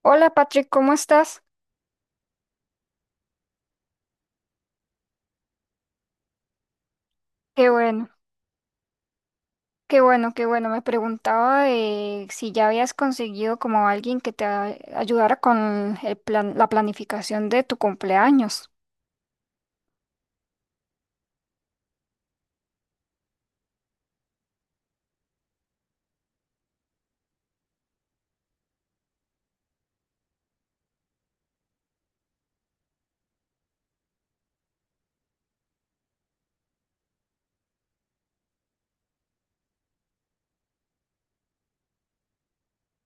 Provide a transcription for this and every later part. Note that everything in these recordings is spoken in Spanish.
Hola Patrick, ¿cómo estás? Qué bueno, qué bueno, qué bueno. Me preguntaba de si ya habías conseguido como alguien que te ayudara con el plan, la planificación de tu cumpleaños.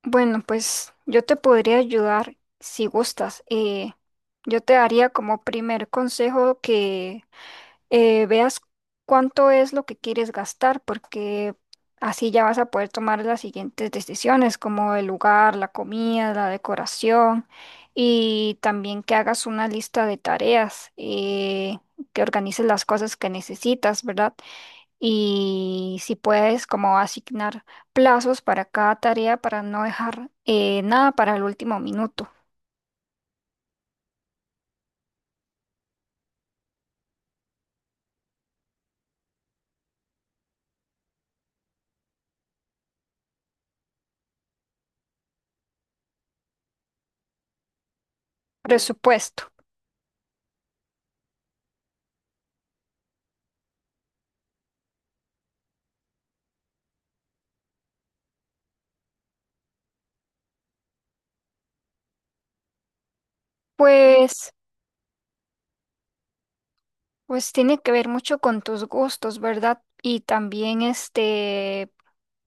Bueno, pues yo te podría ayudar si gustas. Yo te daría como primer consejo veas cuánto es lo que quieres gastar, porque así ya vas a poder tomar las siguientes decisiones, como el lugar, la comida, la decoración, y también que hagas una lista de tareas, que organices las cosas que necesitas, ¿verdad? Y si puedes, como asignar plazos para cada tarea para no dejar nada para el último minuto. Presupuesto. Pues Pues tiene que ver mucho con tus gustos, ¿verdad? Y también este,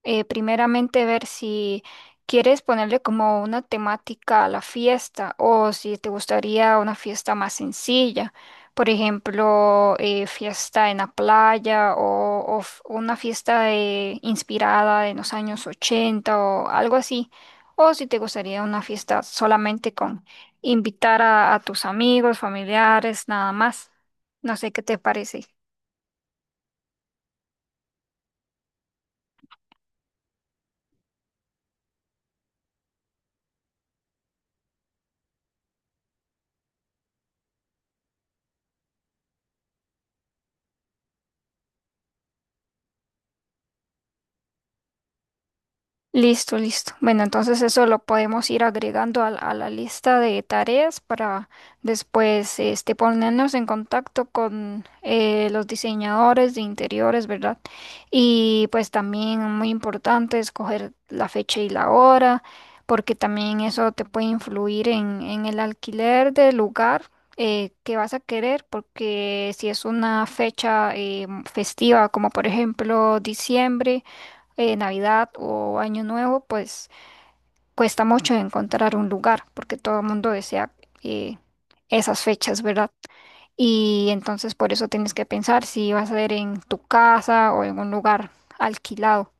primeramente ver si quieres ponerle como una temática a la fiesta o si te gustaría una fiesta más sencilla, por ejemplo, fiesta en la playa o una fiesta inspirada en los años 80 o algo así, o si te gustaría una fiesta solamente con invitar a tus amigos, familiares, nada más. No sé qué te parece. Listo, listo. Bueno, entonces eso lo podemos ir agregando a la lista de tareas para después este, ponernos en contacto con los diseñadores de interiores, ¿verdad? Y pues también muy importante escoger la fecha y la hora, porque también eso te puede influir en el alquiler del lugar que vas a querer, porque si es una fecha festiva, como por ejemplo diciembre, Navidad o Año Nuevo, pues cuesta mucho encontrar un lugar porque todo el mundo desea eh, esas fechas, ¿verdad? Y entonces por eso tienes que pensar si vas a ser en tu casa o en un lugar alquilado.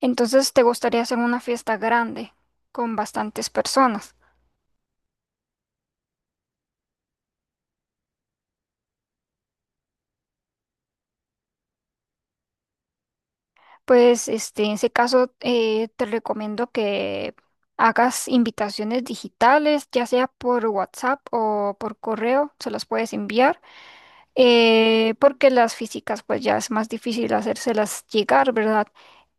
Entonces te gustaría hacer una fiesta grande con bastantes personas. Pues este, en ese caso te recomiendo que hagas invitaciones digitales, ya sea por WhatsApp o por correo, se las puedes enviar porque las físicas pues ya es más difícil hacérselas llegar, ¿verdad?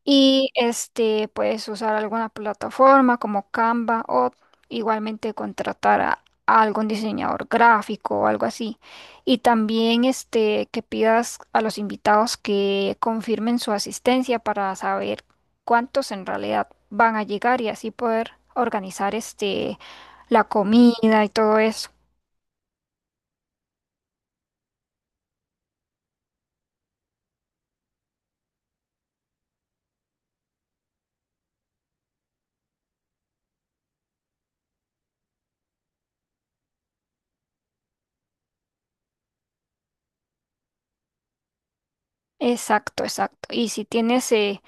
Y este puedes usar alguna plataforma como Canva o igualmente contratar a algún diseñador gráfico o algo así. Y también este que pidas a los invitados que confirmen su asistencia para saber cuántos en realidad van a llegar y así poder organizar este la comida y todo eso. Exacto, exacto. Y si tienes eh,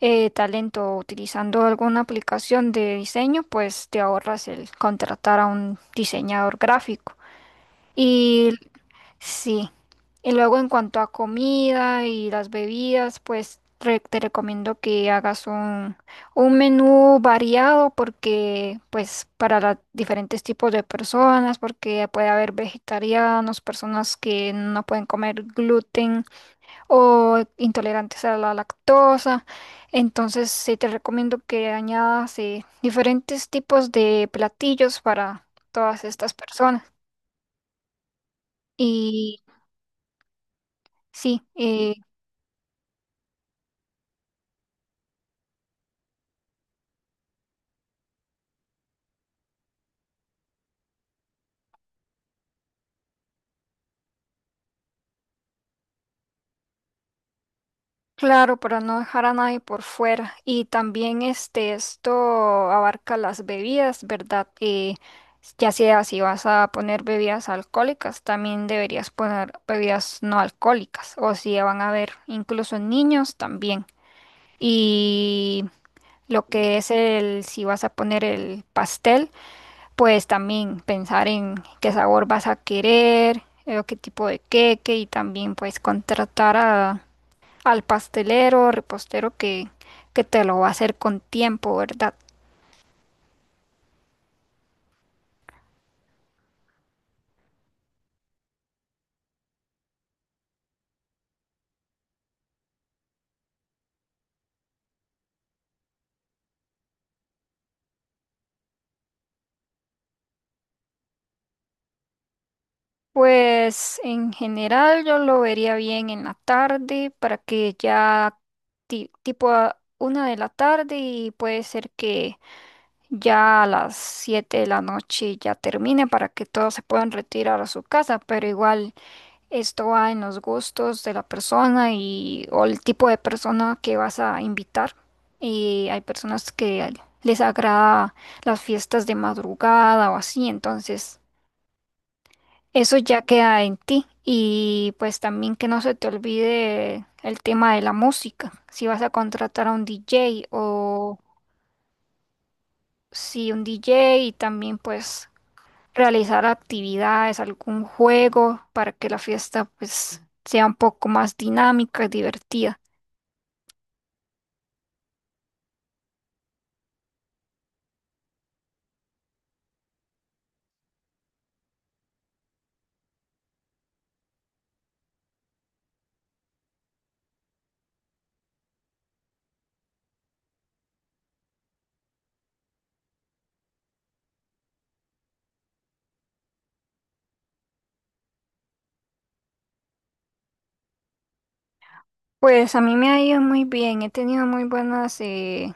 eh, talento utilizando alguna aplicación de diseño, pues te ahorras el contratar a un diseñador gráfico. Y sí, y luego en cuanto a comida y las bebidas, pues te recomiendo que hagas un menú variado porque pues para los diferentes tipos de personas, porque puede haber vegetarianos, personas que no pueden comer gluten o intolerantes a la lactosa. Entonces, sí te recomiendo que añadas diferentes tipos de platillos para todas estas personas. Y sí, claro, para no dejar a nadie por fuera. Y también este, esto abarca las bebidas, ¿verdad? Ya sea si vas a poner bebidas alcohólicas, también deberías poner bebidas no alcohólicas. O si van a haber incluso niños también. Y lo que es el, si vas a poner el pastel, pues también pensar en qué sabor vas a querer, o qué tipo de queque y también pues contratar al pastelero o repostero que te lo va a hacer con tiempo, ¿verdad? Pues en general yo lo vería bien en la tarde para que ya tipo a una de la tarde y puede ser que ya a las 7 de la noche ya termine para que todos se puedan retirar a su casa, pero igual esto va en los gustos de la persona y o el tipo de persona que vas a invitar. Y hay personas que les agrada las fiestas de madrugada o así, entonces eso ya queda en ti. Y pues también que no se te olvide el tema de la música, si vas a contratar a un DJ o si un DJ y también pues realizar actividades, algún juego para que la fiesta pues sea un poco más dinámica y divertida. Pues a mí me ha ido muy bien, he tenido muy buenas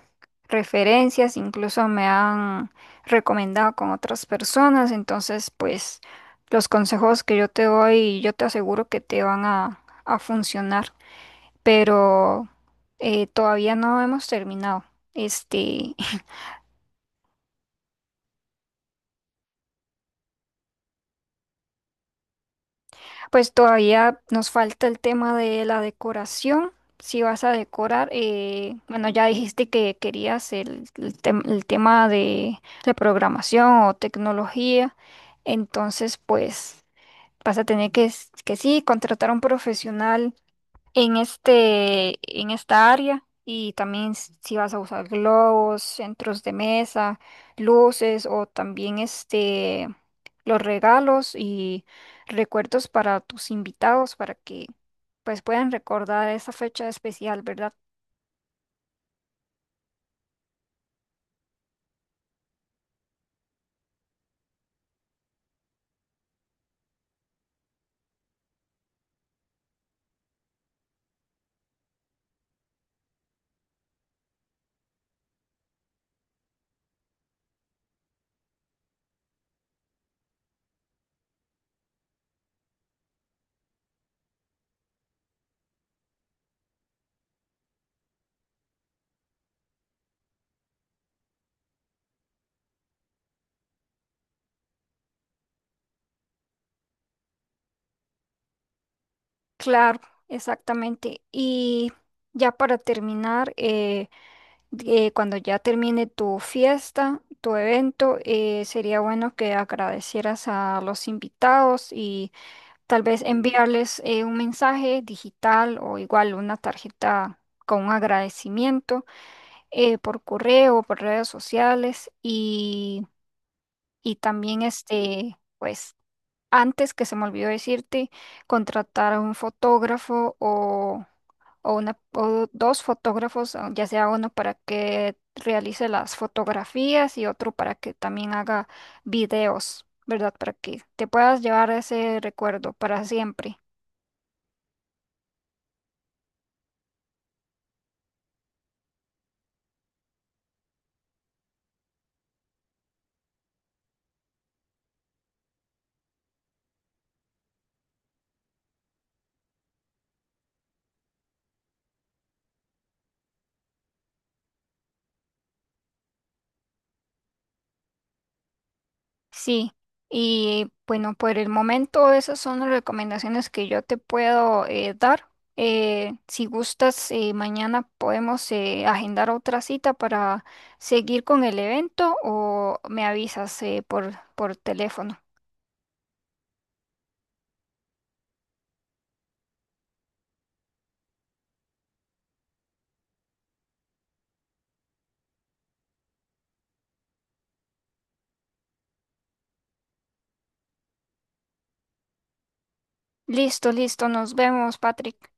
referencias, incluso me han recomendado con otras personas, entonces pues los consejos que yo te doy, yo te aseguro que te van a funcionar, pero todavía no hemos terminado. Este, pues todavía nos falta el tema de la decoración. Si vas a decorar, bueno, ya dijiste que querías el el tema de, la programación o tecnología. Entonces, pues vas a tener que sí, contratar a un profesional en este, en esta área y también s- si vas a usar globos, centros de mesa, luces o también este, los regalos y recuerdos para tus invitados para que pues puedan recordar esa fecha especial, ¿verdad? Claro, exactamente. Y ya para terminar, cuando ya termine tu fiesta, tu evento, sería bueno que agradecieras a los invitados y tal vez enviarles un mensaje digital o igual una tarjeta con un agradecimiento por correo, por redes sociales y también este, pues antes que se me olvidó decirte, contratar a un fotógrafo o una, o dos fotógrafos, ya sea uno para que realice las fotografías y otro para que también haga videos, ¿verdad? Para que te puedas llevar ese recuerdo para siempre. Sí, y bueno, por el momento esas son las recomendaciones que yo te puedo dar. Si gustas, mañana podemos agendar otra cita para seguir con el evento o me avisas por teléfono. Listo, listo, nos vemos, Patrick.